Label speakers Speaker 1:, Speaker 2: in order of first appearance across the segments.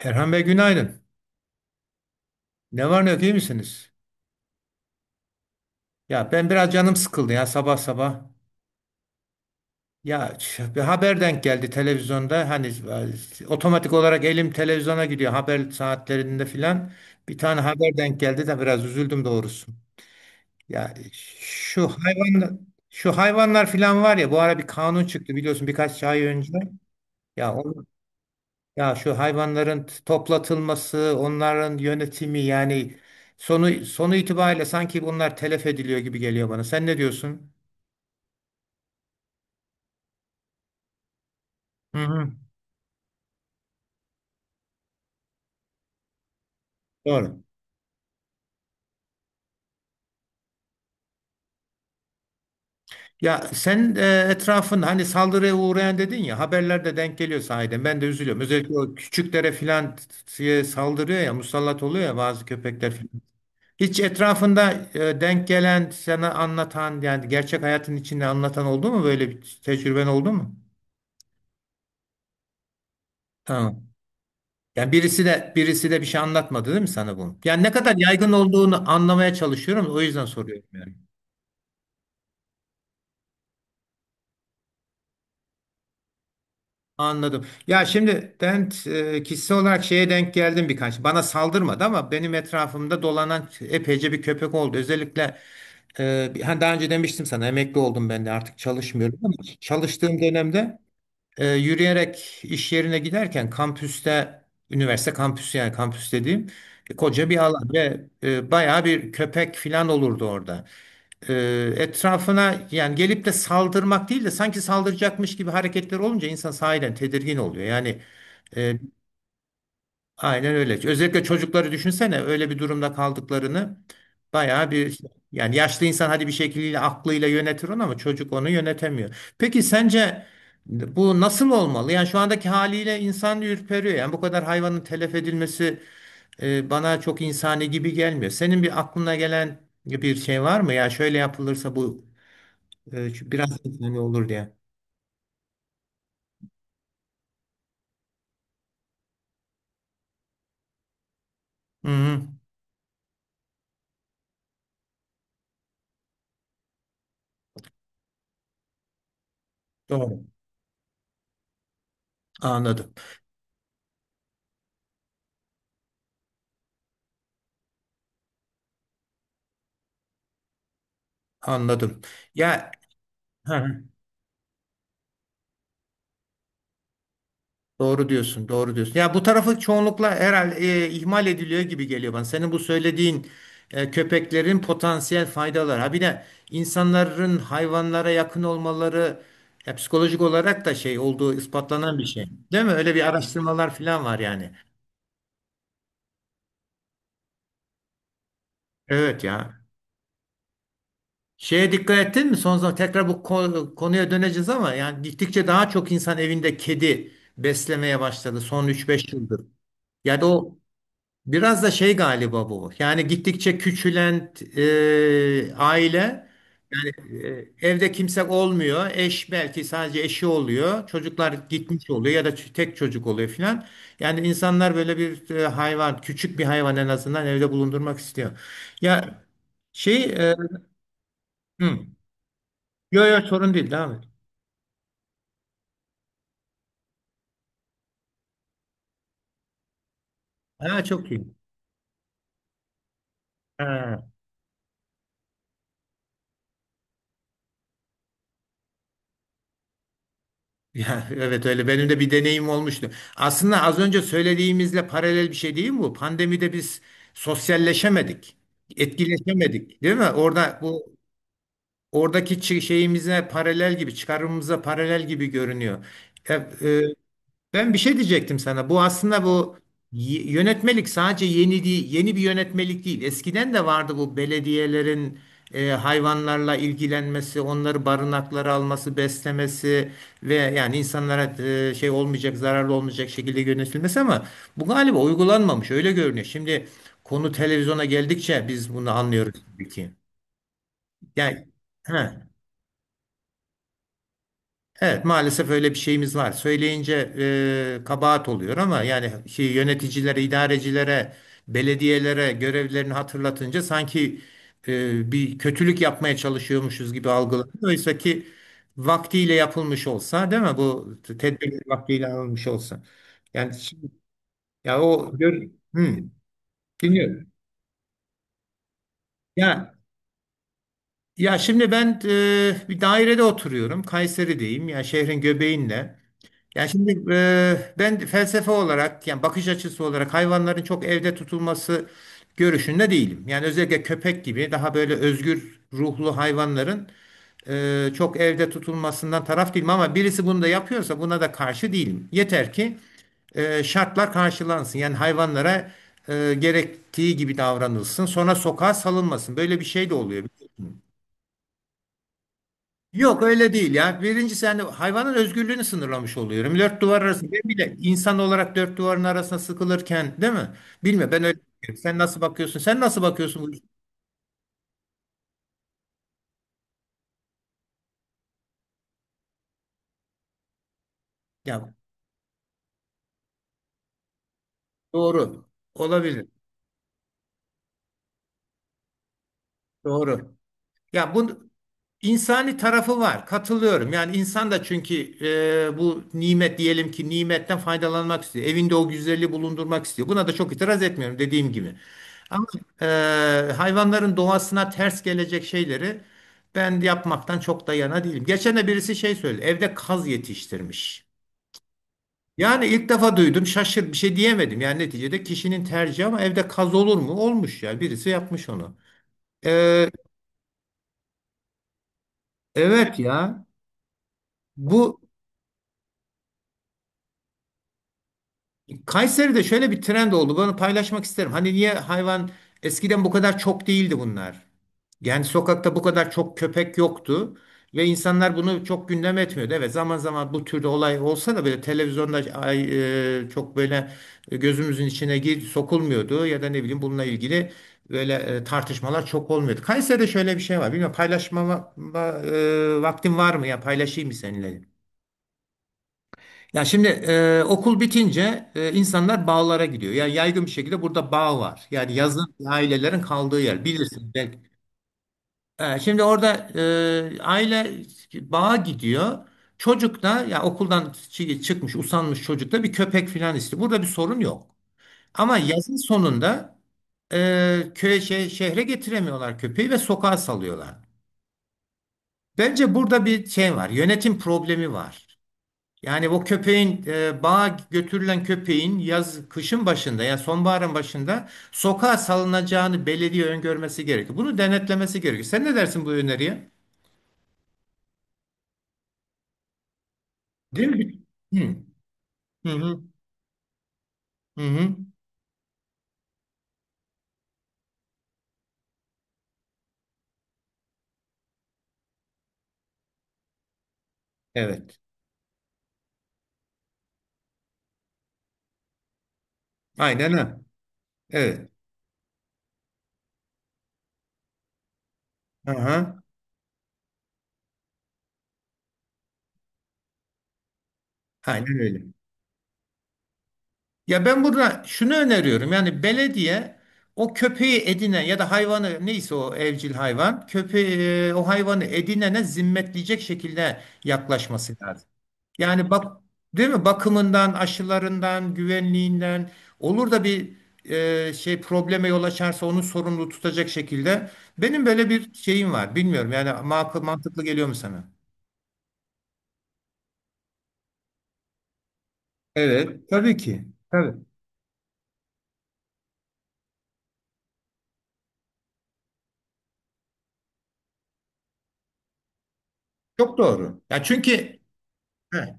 Speaker 1: Erhan Bey günaydın. Ne var ne yok iyi misiniz? Ya ben biraz canım sıkıldı ya sabah sabah. Ya bir haber denk geldi televizyonda. Hani otomatik olarak elim televizyona gidiyor haber saatlerinde filan. Bir tane haber denk geldi de biraz üzüldüm doğrusu. Ya şu hayvanlar filan var ya bu ara bir kanun çıktı biliyorsun birkaç ay önce. Ya onu Ya şu hayvanların toplatılması, onların yönetimi yani sonu itibariyle sanki bunlar telef ediliyor gibi geliyor bana. Sen ne diyorsun? Hı hı. Doğru. Ya sen etrafın hani saldırıya uğrayan dedin ya haberlerde denk geliyor sahiden. Ben de üzülüyorum. Özellikle o küçüklere filan saldırıyor ya musallat oluyor ya bazı köpekler filan. Hiç etrafında denk gelen sana anlatan yani gerçek hayatın içinde anlatan oldu mu böyle bir tecrüben oldu mu? Tamam. Yani birisi de bir şey anlatmadı değil mi sana bunu? Yani ne kadar yaygın olduğunu anlamaya çalışıyorum. O yüzden soruyorum yani. Anladım. Ya şimdi ben kişisel olarak şeye denk geldim birkaç. Bana saldırmadı ama benim etrafımda dolanan epeyce bir köpek oldu. Özellikle hani daha önce demiştim sana emekli oldum ben de artık çalışmıyorum ama çalıştığım dönemde yürüyerek iş yerine giderken kampüste üniversite kampüsü yani kampüs dediğim koca bir alan ve bayağı bir köpek filan olurdu orada. e, Etrafına yani gelip de saldırmak değil de sanki saldıracakmış gibi hareketler olunca insan sahiden tedirgin oluyor. Yani e, aynen öyle. Özellikle çocukları düşünsene öyle bir durumda kaldıklarını bayağı bir yani yaşlı insan hadi bir şekilde aklıyla yönetir onu ama çocuk onu yönetemiyor. Peki sence bu nasıl olmalı? Yani şu andaki haliyle insan ürperiyor. Yani bu kadar hayvanın telef edilmesi bana çok insani gibi gelmiyor. Senin bir aklına gelen bir şey var mı? Ya şöyle yapılırsa bu şu biraz hani olur diye. Hı hı. Doğru. Anladım. Anladım. Ya, hı hı. Doğru diyorsun. Doğru diyorsun. Ya bu tarafı çoğunlukla herhalde ihmal ediliyor gibi geliyor bana. Senin bu söylediğin köpeklerin potansiyel faydaları. Ha bir de insanların hayvanlara yakın olmaları ya psikolojik olarak da şey olduğu ispatlanan bir şey. Değil mi? Öyle bir araştırmalar falan var yani. Evet ya. Şeye dikkat ettin mi? Son zaman tekrar bu konuya döneceğiz ama yani gittikçe daha çok insan evinde kedi beslemeye başladı son üç beş yıldır. Yani o biraz da şey galiba bu. Yani gittikçe küçülen aile e, evde kimse olmuyor. Eş belki sadece eşi oluyor. Çocuklar gitmiş oluyor ya da tek çocuk oluyor filan. Yani insanlar böyle bir hayvan, küçük bir hayvan en azından evde bulundurmak istiyor. Ya şey, hı. Yok yok, sorun değil, devam et. Ha, çok iyi. Ha. Ya, evet öyle, benim de bir deneyim olmuştu. Aslında az önce söylediğimizle paralel bir şey değil mi bu? Pandemide biz sosyalleşemedik, etkileşemedik, değil mi? Orada bu oradaki şeyimize paralel gibi, çıkarımımıza paralel gibi görünüyor. E, e, Ben bir şey diyecektim sana. Bu aslında bu yönetmelik sadece yeni değil, yeni bir yönetmelik değil. Eskiden de vardı bu belediyelerin hayvanlarla ilgilenmesi, onları barınaklara alması, beslemesi ve yani insanlara şey olmayacak, zararlı olmayacak şekilde yönetilmesi ama bu galiba uygulanmamış. Öyle görünüyor. Şimdi konu televizyona geldikçe biz bunu anlıyoruz tabii ki. Yani, he. Evet, maalesef öyle bir şeyimiz var. Söyleyince kabahat oluyor ama yani şey, yöneticilere, idarecilere, belediyelere görevlerini hatırlatınca sanki bir kötülük yapmaya çalışıyormuşuz gibi algılanıyor. Oysa ki vaktiyle yapılmış olsa, değil mi? Bu tedbir vaktiyle alınmış olsa. Yani, ya o gör, hı, dinliyorum. Ya ya şimdi ben bir dairede oturuyorum. Kayseri'deyim. Ya şehrin göbeğinde. Yani şimdi ben felsefe olarak yani bakış açısı olarak hayvanların çok evde tutulması görüşünde değilim. Yani özellikle köpek gibi daha böyle özgür ruhlu hayvanların çok evde tutulmasından taraf değilim ama birisi bunu da yapıyorsa buna da karşı değilim. Yeter ki şartlar karşılansın. Yani hayvanlara gerektiği gibi davranılsın. Sonra sokağa salınmasın. Böyle bir şey de oluyor. Yok, öyle değil ya. Birincisi yani hayvanın özgürlüğünü sınırlamış oluyorum. Dört duvar arasında ben bile insan olarak dört duvarın arasına sıkılırken değil mi? Bilmiyorum, ben öyle bakıyorum. Sen nasıl bakıyorsun? Sen nasıl bakıyorsun? Ya doğru. Olabilir. Doğru. Ya bu insani tarafı var. Katılıyorum. Yani insan da çünkü bu nimet diyelim ki nimetten faydalanmak istiyor. Evinde o güzelliği bulundurmak istiyor. Buna da çok itiraz etmiyorum dediğim gibi. Ama e, hayvanların doğasına ters gelecek şeyleri ben yapmaktan çok da yana değilim. Geçen de birisi şey söyledi. Evde kaz yetiştirmiş. Yani ilk defa duydum, şaşır bir şey diyemedim. Yani neticede kişinin tercihi ama evde kaz olur mu? Olmuş ya. Birisi yapmış onu. E, evet ya. Bu Kayseri'de şöyle bir trend oldu. Bunu paylaşmak isterim. Hani niye hayvan eskiden bu kadar çok değildi bunlar? Yani sokakta bu kadar çok köpek yoktu ve insanlar bunu çok gündem etmiyordu. Evet, zaman zaman bu türde olay olsa da böyle televizyonda çok böyle gözümüzün içine sokulmuyordu ya da ne bileyim bununla ilgili böyle tartışmalar çok olmuyordu. Kayseri'de şöyle bir şey var. Bilmiyorum, paylaşma va- va- e, vaktin var mı ya, paylaşayım mı seninle? Ya şimdi okul bitince insanlar bağlara gidiyor. Yani yaygın bir şekilde burada bağ var. Yani yazın ailelerin kaldığı yer, bilirsin belki. Şimdi orada aile bağa gidiyor. Çocuk da ya okuldan çıkmış usanmış, çocuk da bir köpek falan istiyor. Burada bir sorun yok. Ama yazın sonunda şehre getiremiyorlar köpeği ve sokağa salıyorlar. Bence burada bir şey var. Yönetim problemi var. Yani o köpeğin bağa götürülen köpeğin yaz kışın başında ya sonbaharın başında sokağa salınacağını belediye öngörmesi gerekiyor. Bunu denetlemesi gerekiyor. Sen ne dersin bu öneriye? Değil mi? Hı hı hı. Hı hı. Evet. Aynen öyle. Evet. Aha. Aynen öyle. Ya ben burada şunu öneriyorum. Yani belediye o köpeği edinen ya da hayvanı neyse o evcil hayvan köpeği o hayvanı edinene zimmetleyecek şekilde yaklaşması lazım. Yani bak, değil mi? Bakımından, aşılarından, güvenliğinden olur da bir şey probleme yol açarsa onu sorumlu tutacak şekilde. Benim böyle bir şeyim var. Bilmiyorum yani, makul, mantıklı geliyor mu sana? Evet, tabii ki. Tabii. Çok doğru. Ya çünkü. He.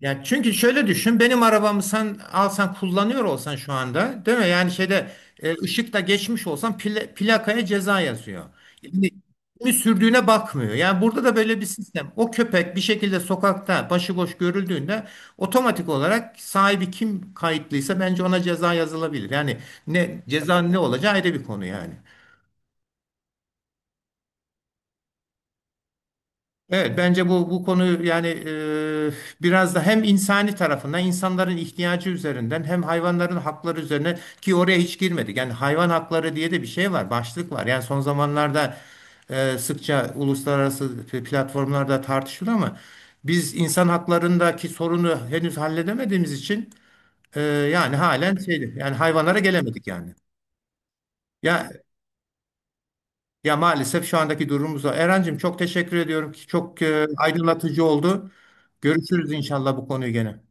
Speaker 1: Yani çünkü şöyle düşün, benim arabamı sen alsan, kullanıyor olsan şu anda, değil mi? Yani şeyde ışıkta geçmiş olsan plakaya ceza yazıyor. Yani kimi sürdüğüne bakmıyor. Yani burada da böyle bir sistem. O köpek bir şekilde sokakta başıboş görüldüğünde otomatik olarak sahibi kim kayıtlıysa bence ona ceza yazılabilir. Yani ne ceza, ne olacağı ayrı bir konu yani. Evet, bence bu konu yani biraz da hem insani tarafından, insanların ihtiyacı üzerinden, hem hayvanların hakları üzerine ki oraya hiç girmedik. Yani hayvan hakları diye de bir şey var, başlık var. Yani son zamanlarda sıkça uluslararası platformlarda tartışılıyor ama biz insan haklarındaki sorunu henüz halledemediğimiz için yani halen şeydi yani hayvanlara gelemedik yani. Ya ya maalesef şu andaki durumumuz o. Erencim, çok teşekkür ediyorum ki çok aydınlatıcı oldu. Görüşürüz inşallah bu konuyu gene.